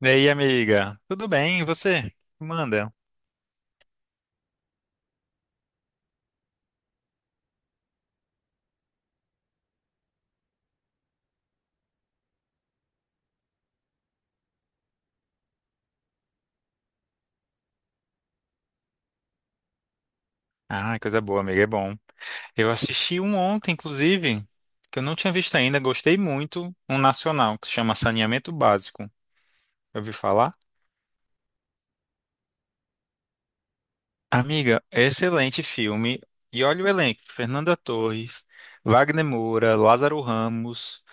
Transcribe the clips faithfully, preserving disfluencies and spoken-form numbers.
E aí, amiga? Tudo bem? E você? Manda. Ah, coisa boa, amiga, é bom. Eu assisti um ontem, inclusive, que eu não tinha visto ainda, gostei muito, um nacional que se chama Saneamento Básico. Eu ouvi falar? Amiga, excelente filme. E olha o elenco: Fernanda Torres, Wagner Moura, Lázaro Ramos.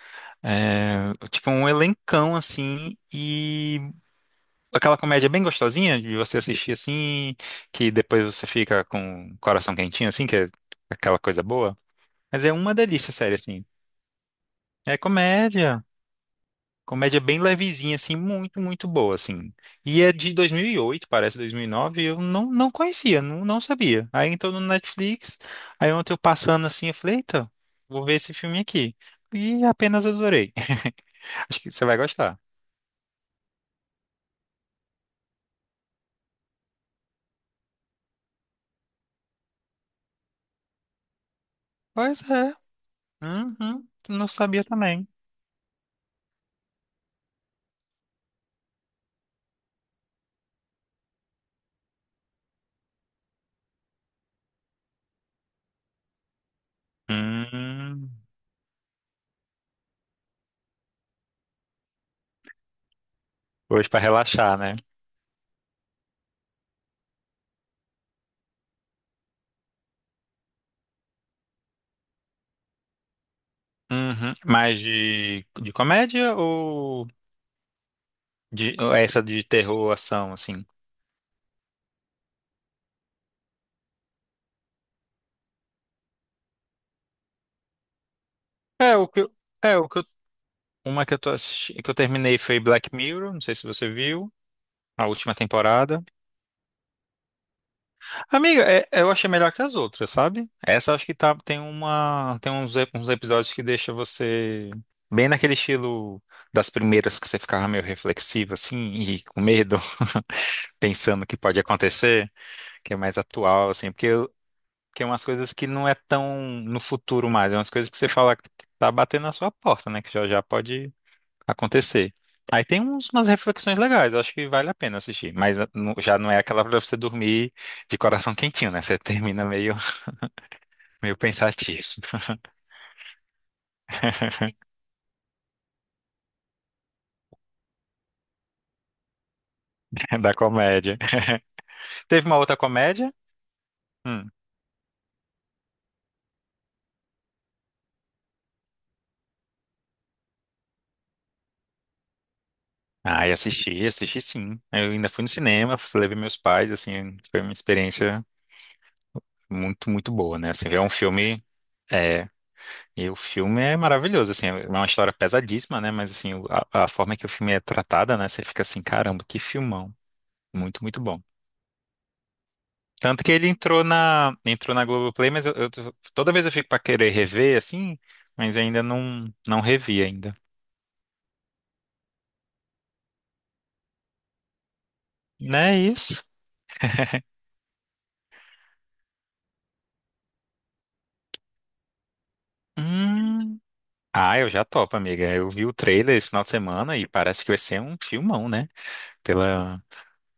É, tipo, um elencão assim. E aquela comédia bem gostosinha de você assistir assim, que depois você fica com o coração quentinho, assim, que é aquela coisa boa. Mas é uma delícia, sério, assim. É comédia. Comédia bem levezinha, assim, muito, muito boa, assim. E é de dois mil e oito, parece dois mil e nove, e nove, e eu não, não conhecia, não, não sabia. Aí entrou no Netflix, aí ontem eu passando assim, eu falei, eita, vou ver esse filme aqui. E apenas adorei. Acho que você vai gostar. Pois é. Uhum. Não sabia também. Hum. Hoje pra relaxar, né? Uhum. Mais de, de comédia ou de ou essa de terror, ação, assim? É, o que eu- é o que eu- uma que eu tô assistindo, que eu terminei, foi Black Mirror, não sei se você viu, a última temporada. Amiga, é- eu achei melhor que as outras, sabe? Essa eu acho que tá, tem uma, tem uns, ep- uns episódios que deixa você bem naquele estilo das primeiras, que você ficava meio reflexivo, assim, e com medo, pensando o que pode acontecer, que é mais atual, assim, porque que é umas coisas que não é tão no futuro mais, é umas coisas que você fala que tá batendo na sua porta, né? Que já já pode acontecer. Aí tem uns, umas reflexões legais, eu acho que vale a pena assistir. Mas ah, não- já não é aquela pra você dormir de coração quentinho, né? Você termina meio, meio pensativo. Da comédia. Teve uma outra comédia? Hum. Ah, e assisti, assisti sim. Eu ainda fui no cinema, levei meus pais, assim, foi uma experiência muito, muito boa, né? Assim, ver um filme. É, e o filme é maravilhoso, assim, é uma história pesadíssima, né? Mas assim, o- a, a forma que o filme é tratada, né? Você fica assim, caramba, que filmão. Muito, muito bom. Tanto que ele entrou na, entrou na Globoplay, mas eu, eu tô- toda vez eu fico pra querer rever, assim, mas ainda não, não revi ainda. Não é isso. Hum. Ah, eu já topo, amiga. Eu vi o trailer esse final de semana e parece que vai ser um filmão, né? Pela...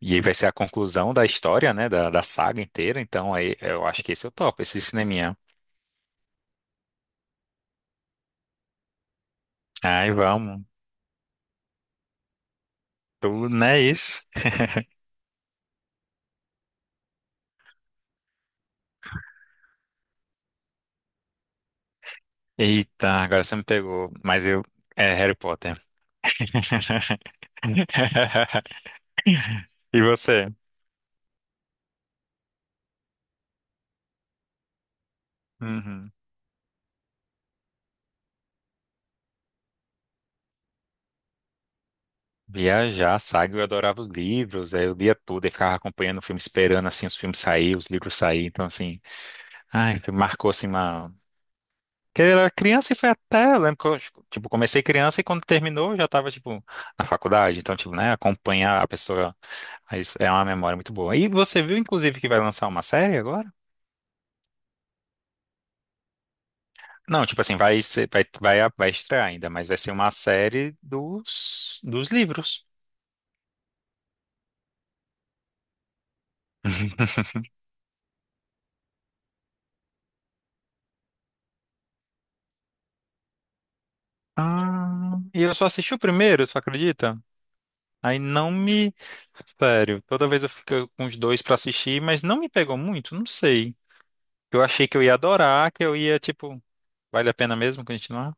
E aí vai ser a conclusão da história, né? Da, da saga inteira. Então aí eu acho que esse eu topo, esse cineminha. Ai, vamos. Tu, não é isso? Eita, agora você me pegou. Mas eu. É Harry Potter. E você? Uhum. Viajar, saga, eu adorava os livros, aí eu lia tudo e ficava acompanhando o filme, esperando assim os filmes saírem, os livros saírem, então assim, ai, marcou assim uma. Porque eu era criança e foi até, eu lembro que eu, tipo, comecei criança e quando terminou eu já tava, tipo, na faculdade, então, tipo, né, acompanhar a pessoa, aí isso é uma memória muito boa. E você viu, inclusive, que vai lançar uma série. Não, tipo assim, vai ser, vai, vai, vai estrear ainda, mas vai ser uma série dos, dos livros. Ah, e eu só assisti o primeiro, tu acredita? Aí não me. Sério, toda vez eu fico com os dois pra assistir, mas não me pegou muito, não sei. Eu achei que eu ia adorar, que eu ia, tipo, vale a pena mesmo continuar?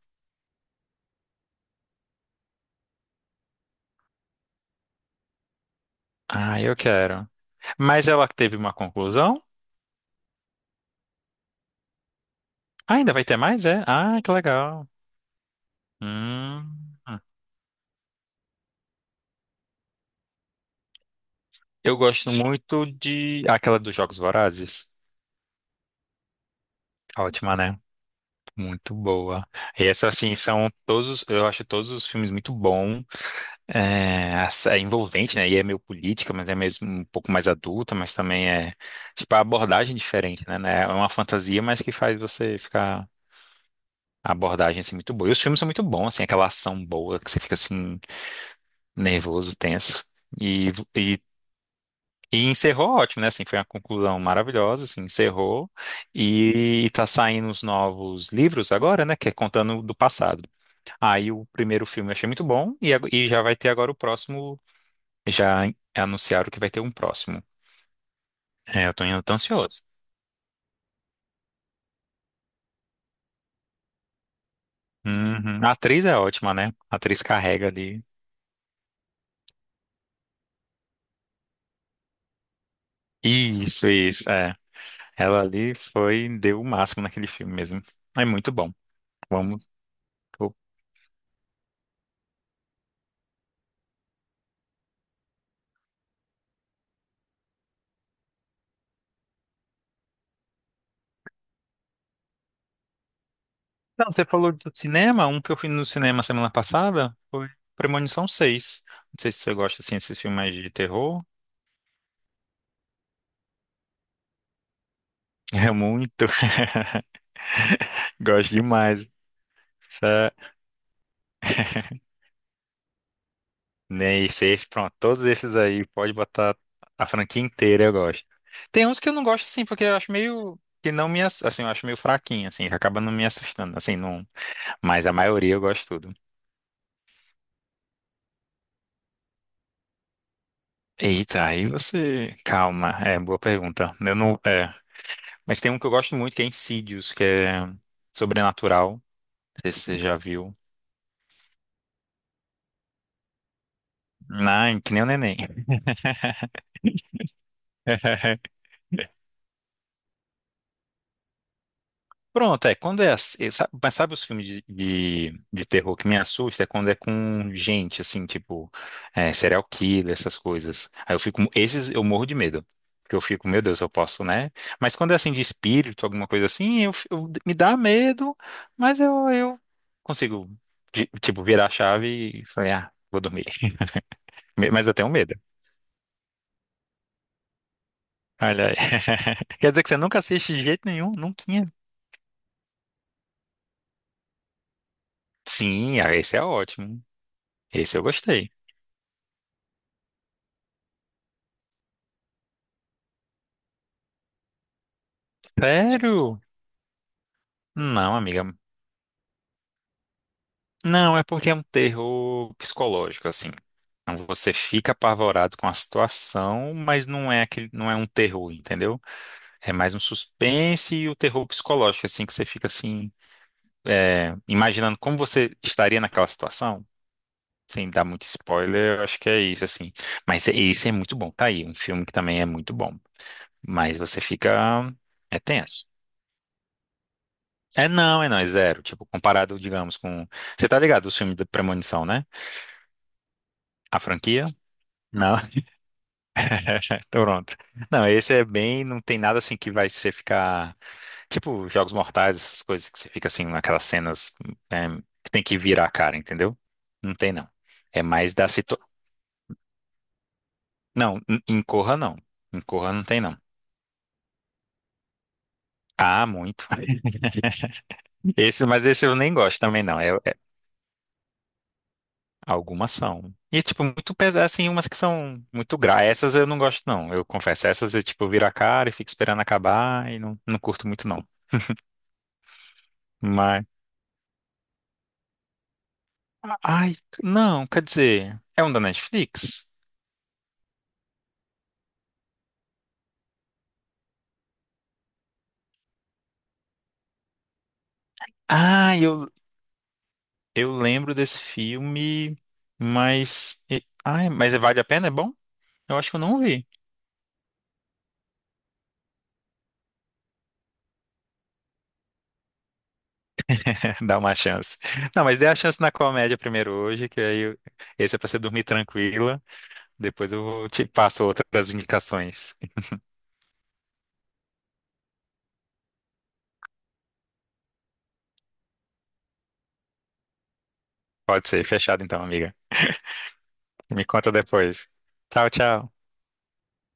Ah, eu quero. Mas ela teve uma conclusão? Ah, ainda vai ter mais, é? Ah, que legal. Hum. Eu gosto muito de. Aquela dos Jogos Vorazes. Ótima, né? Muito boa. E essa, assim, são todos, os- eu acho todos os filmes muito bom, é, ass- é envolvente, né? E é meio política, mas é mesmo um pouco mais adulta, mas também é, tipo, a abordagem diferente, né? né? É uma fantasia, mas que faz você ficar, a abordagem, assim, muito boa. E os filmes são muito bons, assim, aquela ação boa, que você fica, assim, nervoso, tenso. E, e E encerrou ótimo, né? Assim, foi uma conclusão maravilhosa, assim, encerrou. E tá saindo os novos livros agora, né? Que é contando do passado. Aí o primeiro filme eu achei muito bom e, ag- e já vai ter agora o próximo. Já an- anunciaram que vai ter um próximo. É, eu tô indo tão ansioso. Uhum. A atriz é ótima, né? A atriz carrega ali. Isso, isso, é. Ela ali foi, deu o máximo naquele filme mesmo. É muito bom. Vamos. Não, você falou do cinema, um que eu fui no cinema semana passada foi Premonição seis. Não sei se você gosta assim desses filmes mais de terror. É muito. Gosto demais. Essa- Nem seis, pronto, todos esses aí, pode botar a franquia inteira, eu gosto. Tem uns que eu não gosto assim, porque eu acho meio que não me, ass- assim, eu acho meio fraquinho assim, que acaba não me assustando, assim, não, mas a maioria eu gosto tudo. Eita, aí você, calma, é boa pergunta. Eu não, é. Mas tem um que eu gosto muito, que é Insidious, que é sobrenatural. Não sei se você já viu. Não, que nem o neném. Pronto, é. Quando é assim, sabe- mas sabe os filmes de, de, de terror que me assusta? É quando é com gente, assim, tipo, é, serial killer, essas coisas. Aí eu fico, esses eu morro de medo. Porque eu fico, meu Deus, eu posso, né? Mas quando é assim de espírito, alguma coisa assim, eu, fi- eu- me dá medo, mas eu, eu consigo, de- tipo, virar a chave e falei, ah, vou dormir. Mas eu tenho medo. Olha aí. Quer dizer que você nunca assiste de jeito nenhum? Nunca. Sim, ah, esse é ótimo. Esse eu gostei. Sério? Não, amiga. Não, é porque é um terror psicológico, assim. Então você fica apavorado com a situação, mas não é aquele, não é um terror, entendeu? É mais um suspense e o terror psicológico, assim, que você fica assim, é, imaginando como você estaria naquela situação. Sem dar muito spoiler, eu acho que é isso, assim. Mas esse é muito bom. Tá aí, um filme que também é muito bom. Mas você fica. É tenso. É não, é não, é zero. Tipo, comparado, digamos, com. Você tá ligado, o filme da Premonição, né? A franquia? Não. Toronto. Não, esse é bem. Não tem nada assim que vai você ficar. Tipo, Jogos Mortais, essas coisas que você fica assim, naquelas cenas, é, que tem que virar a cara, entendeu? Não tem, não. É mais da situação. Não, em em Corra não. Em Corra não tem, não. Ah, muito. Esse, mas esse eu nem gosto também, não. É, algumas são. E, tipo, muito pesadas, assim, umas que são muito gra. Essas eu não gosto, não. Eu confesso, essas eu, tipo, viro a cara e fico esperando acabar e não, não curto muito, não. Mas. Ai, não, quer dizer. É um da Netflix? Ah, eu, eu lembro desse filme, mas. e- Ai, mas é, vale a pena? É bom? Eu acho que eu não vi. Dá uma chance. Não, mas dê a chance na comédia primeiro hoje, que aí eu- esse é pra você dormir tranquila. Depois eu vou te passo outras indicações. Pode ser, fechado então, amiga. Me conta depois. Tchau, tchau.